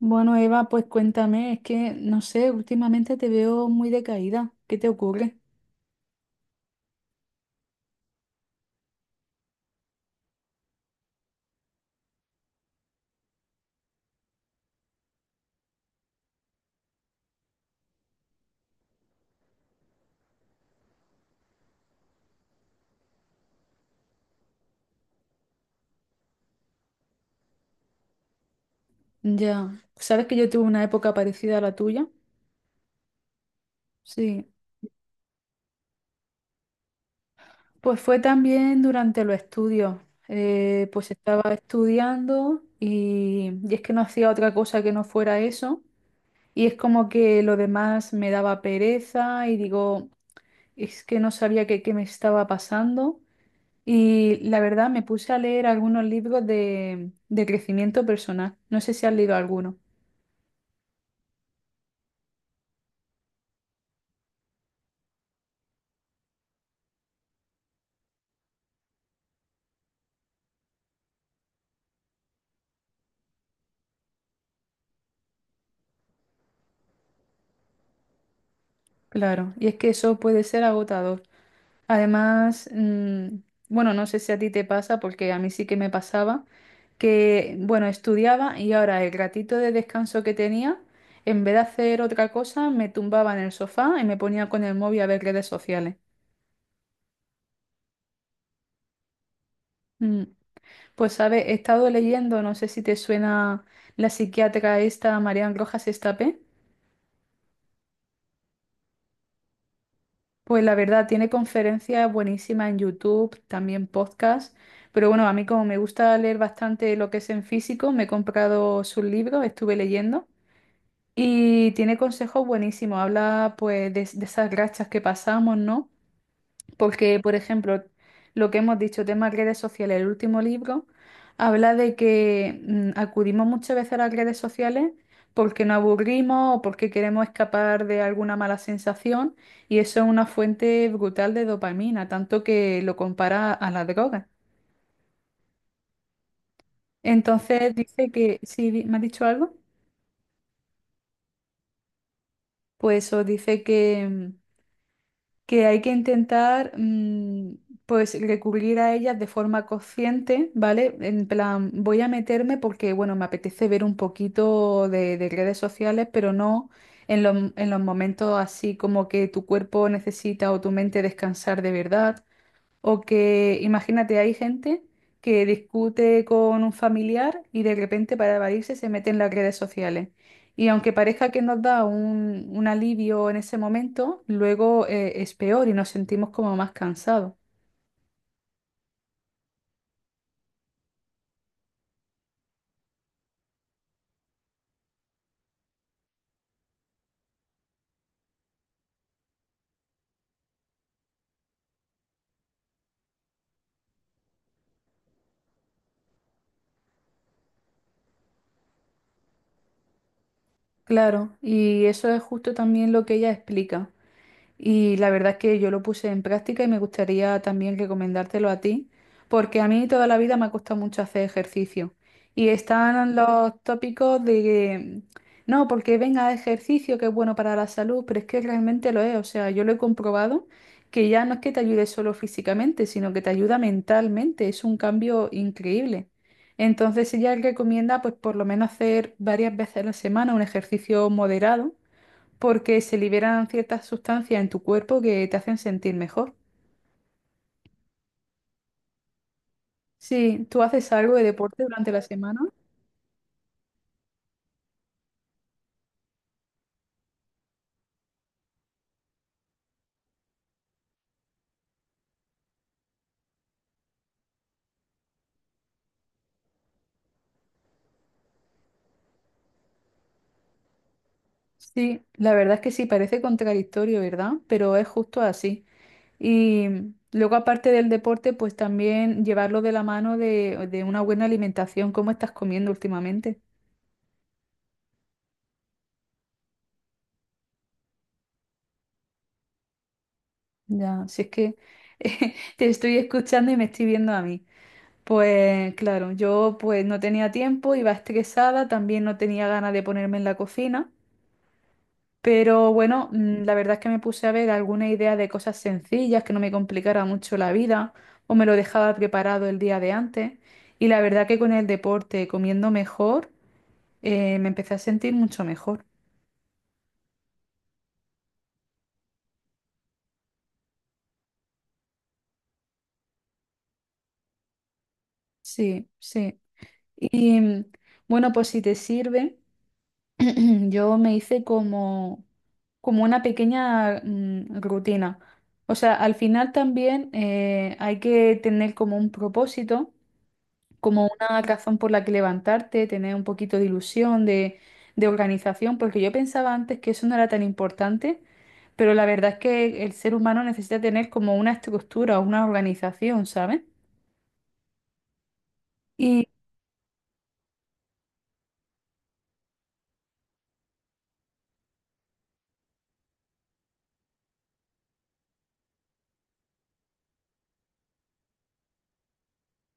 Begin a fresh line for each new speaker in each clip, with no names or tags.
Bueno, Eva, pues cuéntame, es que no sé, últimamente te veo muy decaída. ¿Qué te ocurre? Ya, sabes que yo tuve una época parecida a la tuya. Sí, pues fue también durante los estudios. Pues estaba estudiando y es que no hacía otra cosa que no fuera eso. Y es como que lo demás me daba pereza y digo, es que no sabía qué me estaba pasando. Y la verdad me puse a leer algunos libros de crecimiento personal. No sé si has leído alguno. Claro, y es que eso puede ser agotador. Además, bueno, no sé si a ti te pasa, porque a mí sí que me pasaba, que, bueno, estudiaba y ahora el ratito de descanso que tenía, en vez de hacer otra cosa, me tumbaba en el sofá y me ponía con el móvil a ver redes sociales. Mm, Pues, ¿sabes? He estado leyendo, no sé si te suena la psiquiatra esta, Marian Rojas Estapé. Pues la verdad, tiene conferencias buenísimas en YouTube, también podcast, pero bueno, a mí como me gusta leer bastante lo que es en físico, me he comprado sus libros, estuve leyendo y tiene consejos buenísimos, habla pues de esas rachas que pasamos, ¿no? Porque, por ejemplo, lo que hemos dicho, tema redes sociales, el último libro habla de que acudimos muchas veces a las redes sociales porque nos aburrimos o porque queremos escapar de alguna mala sensación y eso es una fuente brutal de dopamina, tanto que lo compara a la droga. Entonces dice que, si me ha dicho algo, pues eso dice que hay que intentar pues recurrir a ellas de forma consciente, ¿vale? En plan, voy a meterme porque, bueno, me apetece ver un poquito de redes sociales, pero no en los momentos así como que tu cuerpo necesita o tu mente descansar de verdad. O que imagínate, hay gente que discute con un familiar y de repente para evadirse se mete en las redes sociales. Y aunque parezca que nos da un alivio en ese momento, luego es peor y nos sentimos como más cansados. Claro, y eso es justo también lo que ella explica. Y la verdad es que yo lo puse en práctica y me gustaría también recomendártelo a ti, porque a mí toda la vida me ha costado mucho hacer ejercicio. Y están los tópicos de que, no, porque venga ejercicio que es bueno para la salud, pero es que realmente lo es. O sea, yo lo he comprobado que ya no es que te ayude solo físicamente, sino que te ayuda mentalmente. Es un cambio increíble. Entonces ella recomienda pues por lo menos hacer varias veces a la semana un ejercicio moderado porque se liberan ciertas sustancias en tu cuerpo que te hacen sentir mejor. Sí, ¿tú haces algo de deporte durante la semana? Sí, la verdad es que sí, parece contradictorio, ¿verdad? Pero es justo así. Y luego, aparte del deporte, pues también llevarlo de la mano de una buena alimentación. ¿Cómo estás comiendo últimamente? Ya, si es que te estoy escuchando y me estoy viendo a mí. Pues claro, yo pues no tenía tiempo, iba estresada, también no tenía ganas de ponerme en la cocina. Pero bueno, la verdad es que me puse a ver alguna idea de cosas sencillas que no me complicara mucho la vida o me lo dejaba preparado el día de antes. Y la verdad que con el deporte, comiendo mejor, me empecé a sentir mucho mejor. Sí, sí. Y bueno, pues si te sirve, yo me hice como, como una pequeña rutina. O sea, al final también hay que tener como un propósito como una razón por la que levantarte, tener un poquito de ilusión, de, organización, porque yo pensaba antes que eso no era tan importante, pero la verdad es que el ser humano necesita tener como una estructura, una organización, ¿sabes? Y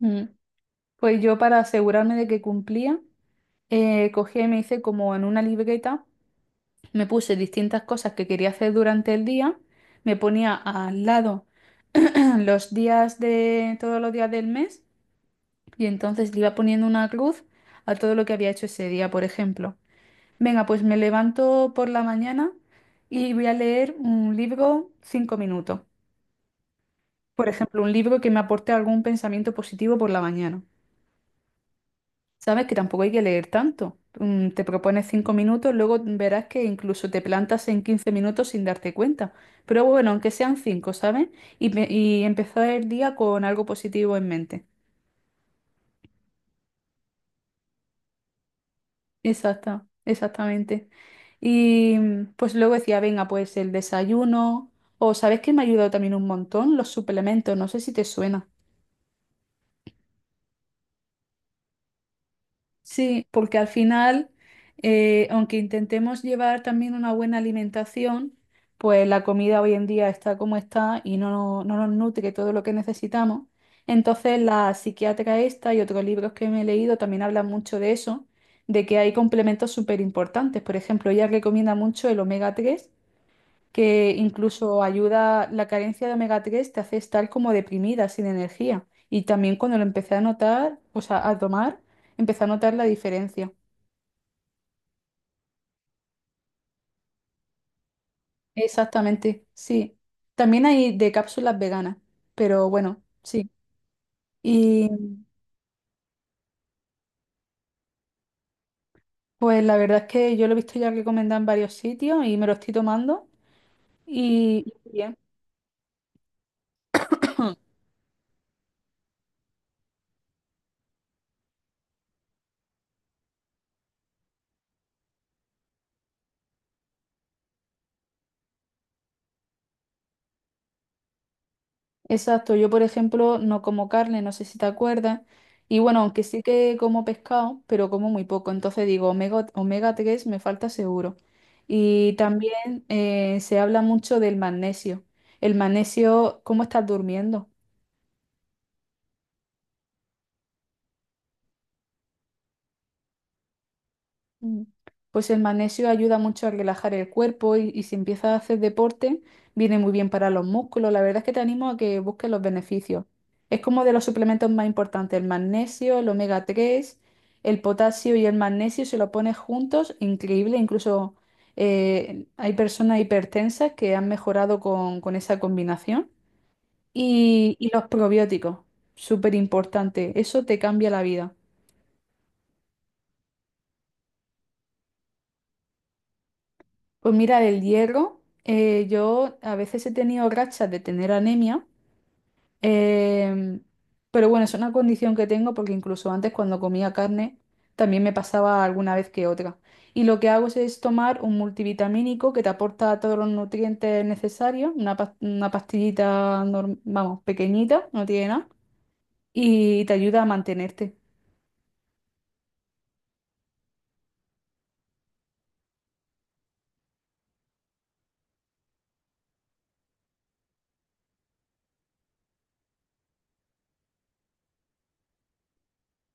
mm, pues yo para asegurarme de que cumplía, cogí y me hice como en una libreta, me puse distintas cosas que quería hacer durante el día, me ponía al lado los días de todos los días del mes. Y entonces le iba poniendo una cruz a todo lo que había hecho ese día, por ejemplo. Venga, pues me levanto por la mañana y voy a leer un libro 5 minutos. Por ejemplo, un libro que me aporte algún pensamiento positivo por la mañana. Sabes que tampoco hay que leer tanto. Te propones 5 minutos, luego verás que incluso te plantas en 15 minutos sin darte cuenta. Pero bueno, aunque sean cinco, ¿sabes? Y empezar el día con algo positivo en mente. Exactamente. Y pues luego decía, venga, pues el desayuno, o ¿sabes que me ha ayudado también un montón? Los suplementos, no sé si te suena. Sí, porque al final, aunque intentemos llevar también una buena alimentación, pues la comida hoy en día está como está y no, no nos nutre todo lo que necesitamos. Entonces, la psiquiatra esta y otros libros que me he leído también hablan mucho de eso, de que hay complementos súper importantes. Por ejemplo, ella recomienda mucho el omega 3 que incluso ayuda, la carencia de omega 3 te hace estar como deprimida, sin energía. Y también cuando lo empecé a notar, o sea, a tomar, empecé a notar la diferencia. Exactamente, sí. También hay de cápsulas veganas, pero bueno, sí. Y pues la verdad es que yo lo he visto ya recomendado en varios sitios y me lo estoy tomando y bien. Exacto, yo por ejemplo no como carne, no sé si te acuerdas, y bueno, aunque sí que como pescado, pero como muy poco, entonces digo omega 3 me falta seguro. Y también se habla mucho del magnesio. El magnesio, ¿cómo estás durmiendo? Mm. Pues el magnesio ayuda mucho a relajar el cuerpo y si empiezas a hacer deporte, viene muy bien para los músculos. La verdad es que te animo a que busques los beneficios. Es como de los suplementos más importantes, el magnesio, el omega 3, el potasio y el magnesio, si lo pones juntos, increíble. Incluso hay personas hipertensas que han mejorado con, esa combinación. Y los probióticos, súper importante. Eso te cambia la vida. Pues mira, del hierro, yo a veces he tenido rachas de tener anemia, em, pero bueno, es una condición que tengo porque incluso antes cuando comía carne también me pasaba alguna vez que otra. Y lo que hago es tomar un multivitamínico que te aporta todos los nutrientes necesarios, una pastillita, vamos, pequeñita, no tiene nada, y te ayuda a mantenerte.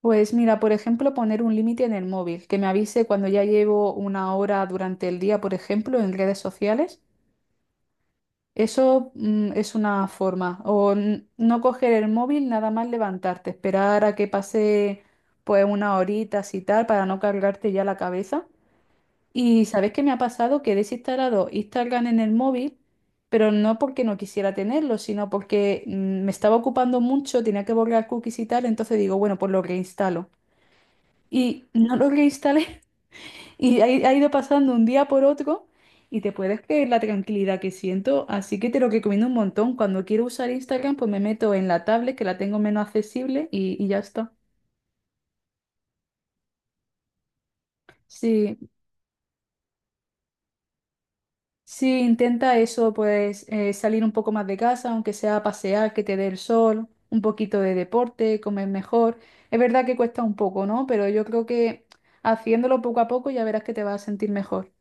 Pues mira, por ejemplo, poner un límite en el móvil, que me avise cuando ya llevo una hora durante el día, por ejemplo, en redes sociales. Eso, es una forma. O no coger el móvil, nada más levantarte, esperar a que pase pues una horita y tal para no cargarte ya la cabeza. Y ¿sabes qué me ha pasado? Que he desinstalado Instagram en el móvil, pero no porque no quisiera tenerlo, sino porque me estaba ocupando mucho, tenía que borrar cookies y tal, entonces digo, bueno, pues lo reinstalo y no lo reinstalé y ha ido pasando un día por otro y te puedes creer la tranquilidad que siento, así que te lo recomiendo un montón. Cuando quiero usar Instagram, pues me meto en la tablet que la tengo menos accesible y ya está. Sí, sí, intenta eso, pues salir un poco más de casa, aunque sea a pasear, que te dé el sol, un poquito de deporte, comer mejor. Es verdad que cuesta un poco, ¿no? Pero yo creo que haciéndolo poco a poco ya verás que te vas a sentir mejor.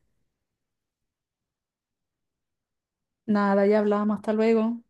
Nada, ya hablamos, hasta luego.